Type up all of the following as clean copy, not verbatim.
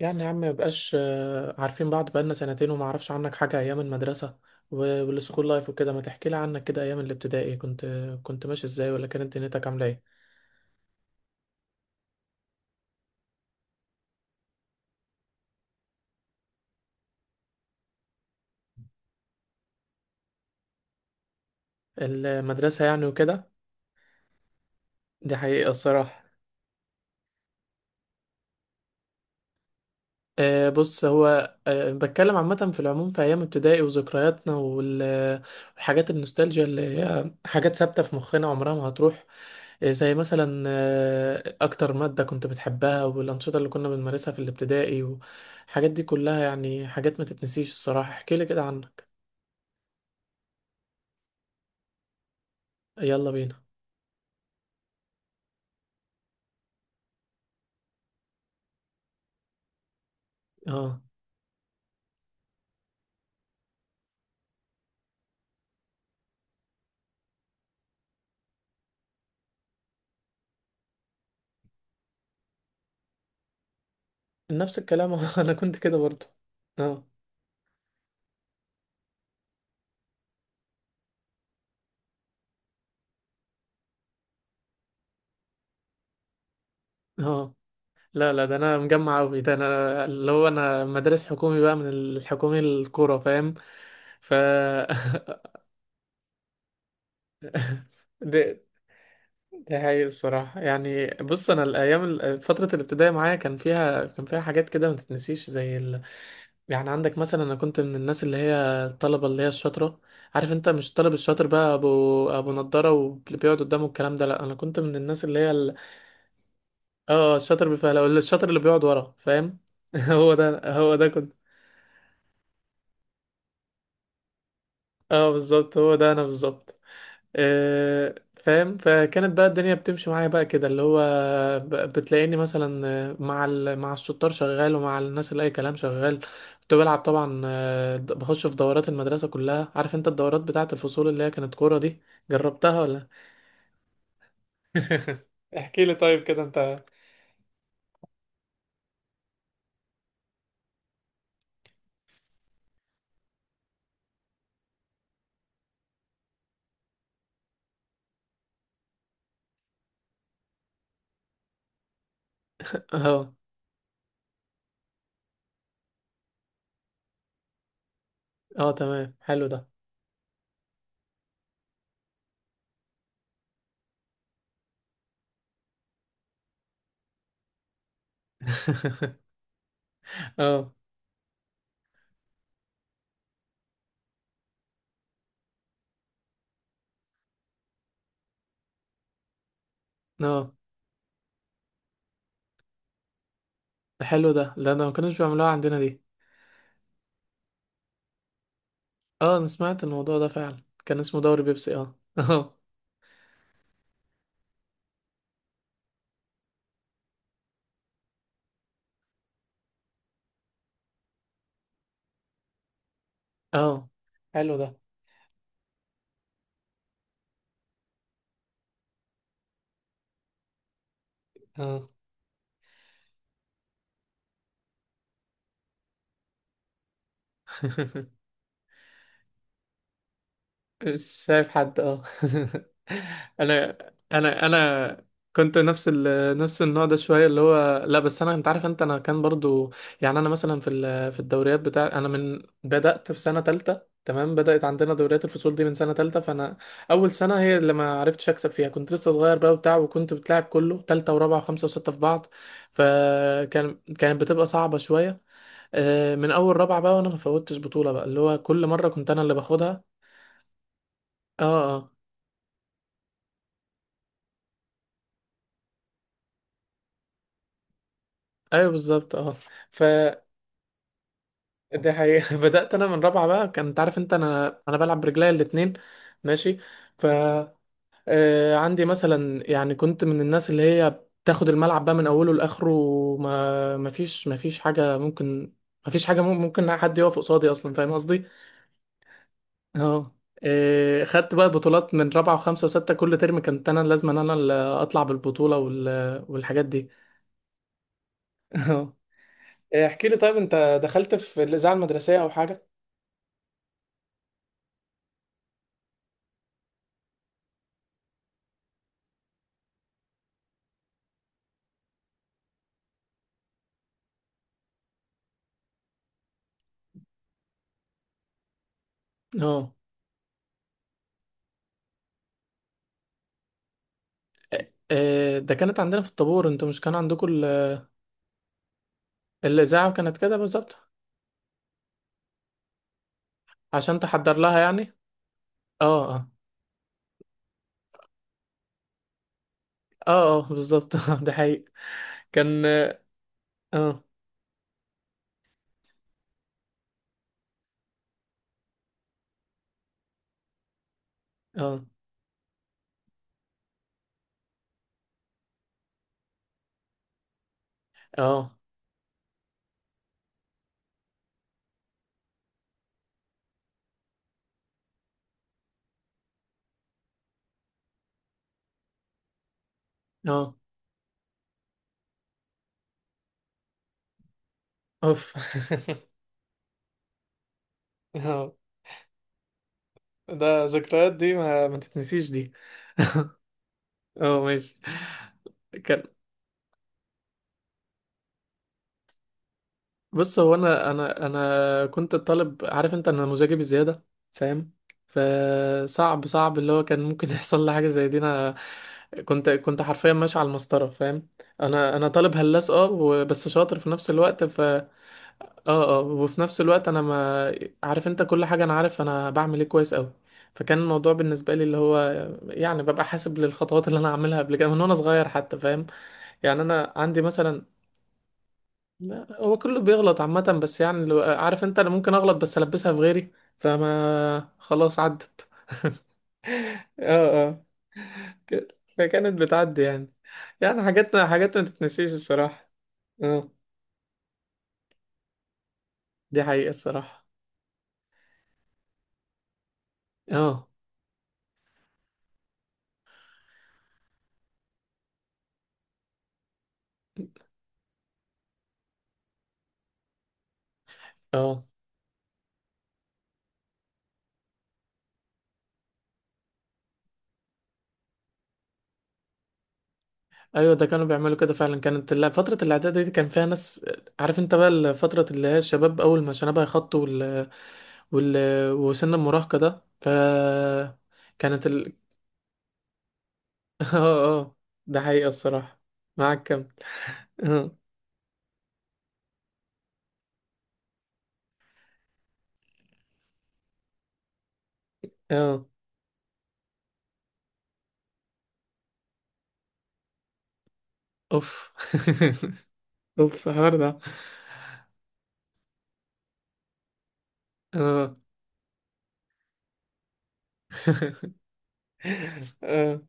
يعني يا عم مبقاش، عارفين بعض بقالنا سنتين وما اعرفش عنك حاجة ايام المدرسة والسكول لايف وكده. ما تحكي لي عنك كده، ايام الابتدائي كنت ماشي ازاي، ولا كانت دنيتك عاملة ايه؟ المدرسة يعني وكده. دي حقيقة الصراحة. بص، هو بتكلم عامة في العموم في أيام ابتدائي وذكرياتنا والحاجات النوستالجيا اللي هي حاجات ثابتة في مخنا، عمرها ما هتروح. زي مثلا أكتر مادة كنت بتحبها، والأنشطة اللي كنا بنمارسها في الابتدائي، والحاجات دي كلها، يعني حاجات ما تتنسيش الصراحة. احكيلي كده عنك. يلا بينا. اه، نفس الكلام أنا كنت كده برضو. اه. اه، لا لا، ده انا مجمع قوي، ده انا اللي هو، انا مدارس حكومي بقى، من الحكومي الكوره، فاهم. ف ده ده هي الصراحه. يعني، بص، انا الايام، فتره الابتدائي معايا، كان فيها حاجات كده ما تتنسيش، زي يعني عندك مثلا، انا كنت من الناس اللي هي الطلبه اللي هي الشاطره. عارف انت؟ مش الطالب الشاطر بقى، ابو نضاره واللي بيقعد قدامه، الكلام ده لا، انا كنت من الناس اللي هي اه، الشاطر بالفعل، أو الشاطر اللي بيقعد ورا، فاهم. هو ده، هو ده كنت. اه بالظبط، هو ده انا بالظبط. آه، فاهم. فكانت بقى الدنيا بتمشي معايا بقى، كده اللي هو بتلاقيني مثلا مع مع الشطار شغال، ومع الناس اللي اي كلام شغال. كنت بلعب طبعا، بخش في دورات المدرسة كلها. عارف انت الدورات بتاعة الفصول اللي هي كانت كورة دي؟ جربتها ولا؟ احكي لي طيب كده انت. اه اه تمام، حلو ده. اه. اه حلو ده، لا انا ما كانوش بيعملوها عندنا دي. اه، انا سمعت الموضوع ده فعلا، كان اسمه دوري بيبسي، اه اه. اه حلو ده. اه مش شايف حد. اه انا انا كنت نفس نفس النوع ده شويه، اللي هو لا، بس انا، انت عارف انت، انا كان برضو. يعني انا مثلا في في الدوريات بتاع انا، من بدات في سنه تالتة، تمام؟ بدات عندنا دوريات الفصول دي من سنه تالتة، فانا اول سنه هي اللي ما عرفتش اكسب فيها، كنت لسه صغير بقى وبتاع، وكنت بتلعب كله تالتة ورابعه وخمسه وسته في بعض. كانت بتبقى صعبه شويه. من اول رابعه بقى، وانا ما فوتش بطوله بقى، اللي هو كل مره كنت انا اللي باخدها. اه. آه. ايوه بالظبط، اه. ف، دي حقيقة بدأت انا من رابعة بقى، كان، انت عارف انت، انا بلعب برجلي الاتنين، ماشي. ف عندي مثلا، يعني كنت من الناس اللي هي بتاخد الملعب بقى من اوله لاخره، وما ما فيش ما فيش حاجة ممكن، ما فيش حاجة مم- ممكن حد يقف قصادي اصلا، فاهم قصدي. اه. خدت بقى بطولات من رابعة وخمسة وستة، كل ترم كنت انا لازم انا اللي اطلع بالبطولة والحاجات دي. اه. احكي لي طيب، انت دخلت في الإذاعة المدرسية او حاجة؟ اه. ده كانت عندنا في الطابور، انتوا مش كان عندكم الإذاعة كانت كده بالظبط عشان تحضر لها يعني. اه اه. اه اه بالظبط ده حقيقي كان. اه اه اه اه. آه. اوف اه. ده ذكريات، دي ما تتنسيش دي. اه ماشي. كان، بص، هو انا كنت الطالب، عارف انت، انا مزاجي بزياده، فاهم. فصعب صعب اللي هو، كان ممكن يحصل لي حاجه زي دي انا. كنت حرفيا ماشي على المسطره، فاهم. انا طالب هلاس، اه، بس شاطر في نفس الوقت. ف اه اه، وفي نفس الوقت انا ما، عارف انت، كل حاجه انا عارف انا بعمل ايه كويس قوي. فكان الموضوع بالنسبه لي اللي هو، يعني، ببقى حاسب للخطوات اللي انا هعملها قبل كده، من وانا صغير حتى، فاهم، يعني انا عندي مثلا. لا، هو كله بيغلط عامة، بس يعني لو، عارف انت، انا ممكن اغلط بس البسها في غيري، فما خلاص عدت. اه اه. فكانت بتعدي يعني، يعني حاجات حاجات ما تتنسيش الصراحة. اه، دي حقيقة الصراحة. اه اه ايوه، ده كانوا بيعملوا كده فعلا. كانت فترة الاعداد دي كان فيها ناس، عارف انت بقى، فترة اللي هي الشباب اول ما شنبها يخط وال... وسن المراهقة ده. ف كانت اه اه. ده حقيقة الصراحة. معاك كم؟ اه. اه. اوف اوف حوار ده. اه اه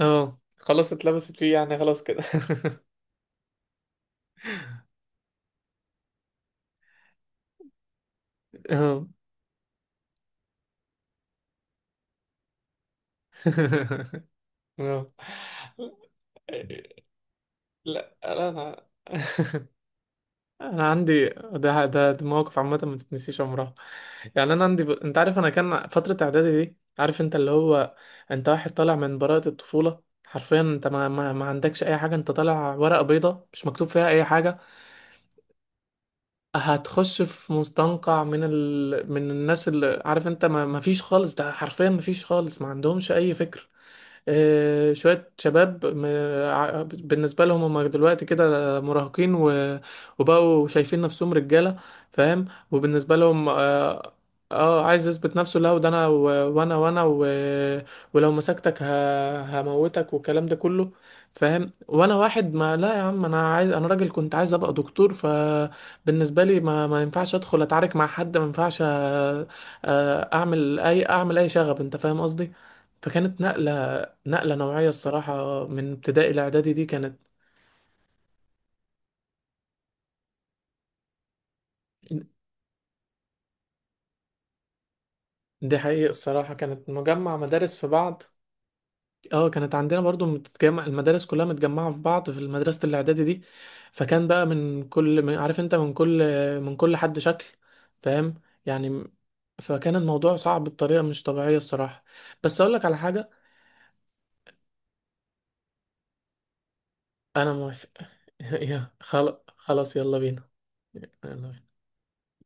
اه خلاص اتلبست فيه يعني، خلاص كده. اه اه. لا لا، انا انا عندي ده مواقف عامه ما تتنسيش عمرها. يعني انا عندي انت عارف، انا كان فتره اعدادي دي، عارف انت اللي هو، انت واحد طالع من براءه الطفوله حرفيا، انت ما عندكش اي حاجه، انت طالع ورقه بيضه مش مكتوب فيها اي حاجه. هتخش في مستنقع من من الناس اللي، عارف انت، ما فيش خالص، ده حرفيا ما فيش خالص، ما عندهمش اي فكرة. شوية شباب، بالنسبة لهم هم دلوقتي كده مراهقين، وبقوا شايفين نفسهم رجالة، فاهم. وبالنسبة لهم اه، عايز يثبت نفسه، لا، وده انا ولو مسكتك هموتك والكلام ده كله، فاهم. وانا واحد ما، لا يا عم، انا عايز، انا راجل، كنت عايز ابقى دكتور. فبالنسبة لي ما ينفعش ادخل اتعارك مع حد، ما ينفعش، اعمل اي شغب، انت فاهم قصدي. فكانت نقلة نوعية الصراحة، من ابتدائي لإعدادي دي كانت. دي حقيقة الصراحة، كانت مجمع مدارس في بعض. اه، كانت عندنا برضو متجمع، المدارس كلها متجمعة في بعض في مدرسة الإعدادي دي. فكان بقى من كل، من، عارف انت، من كل حد شكل، فاهم، يعني. فكان الموضوع صعب بطريقة مش طبيعية الصراحة. بس أقولك على حاجة. أنا موافق يا خلاص خلاص، يلا بينا. يلا.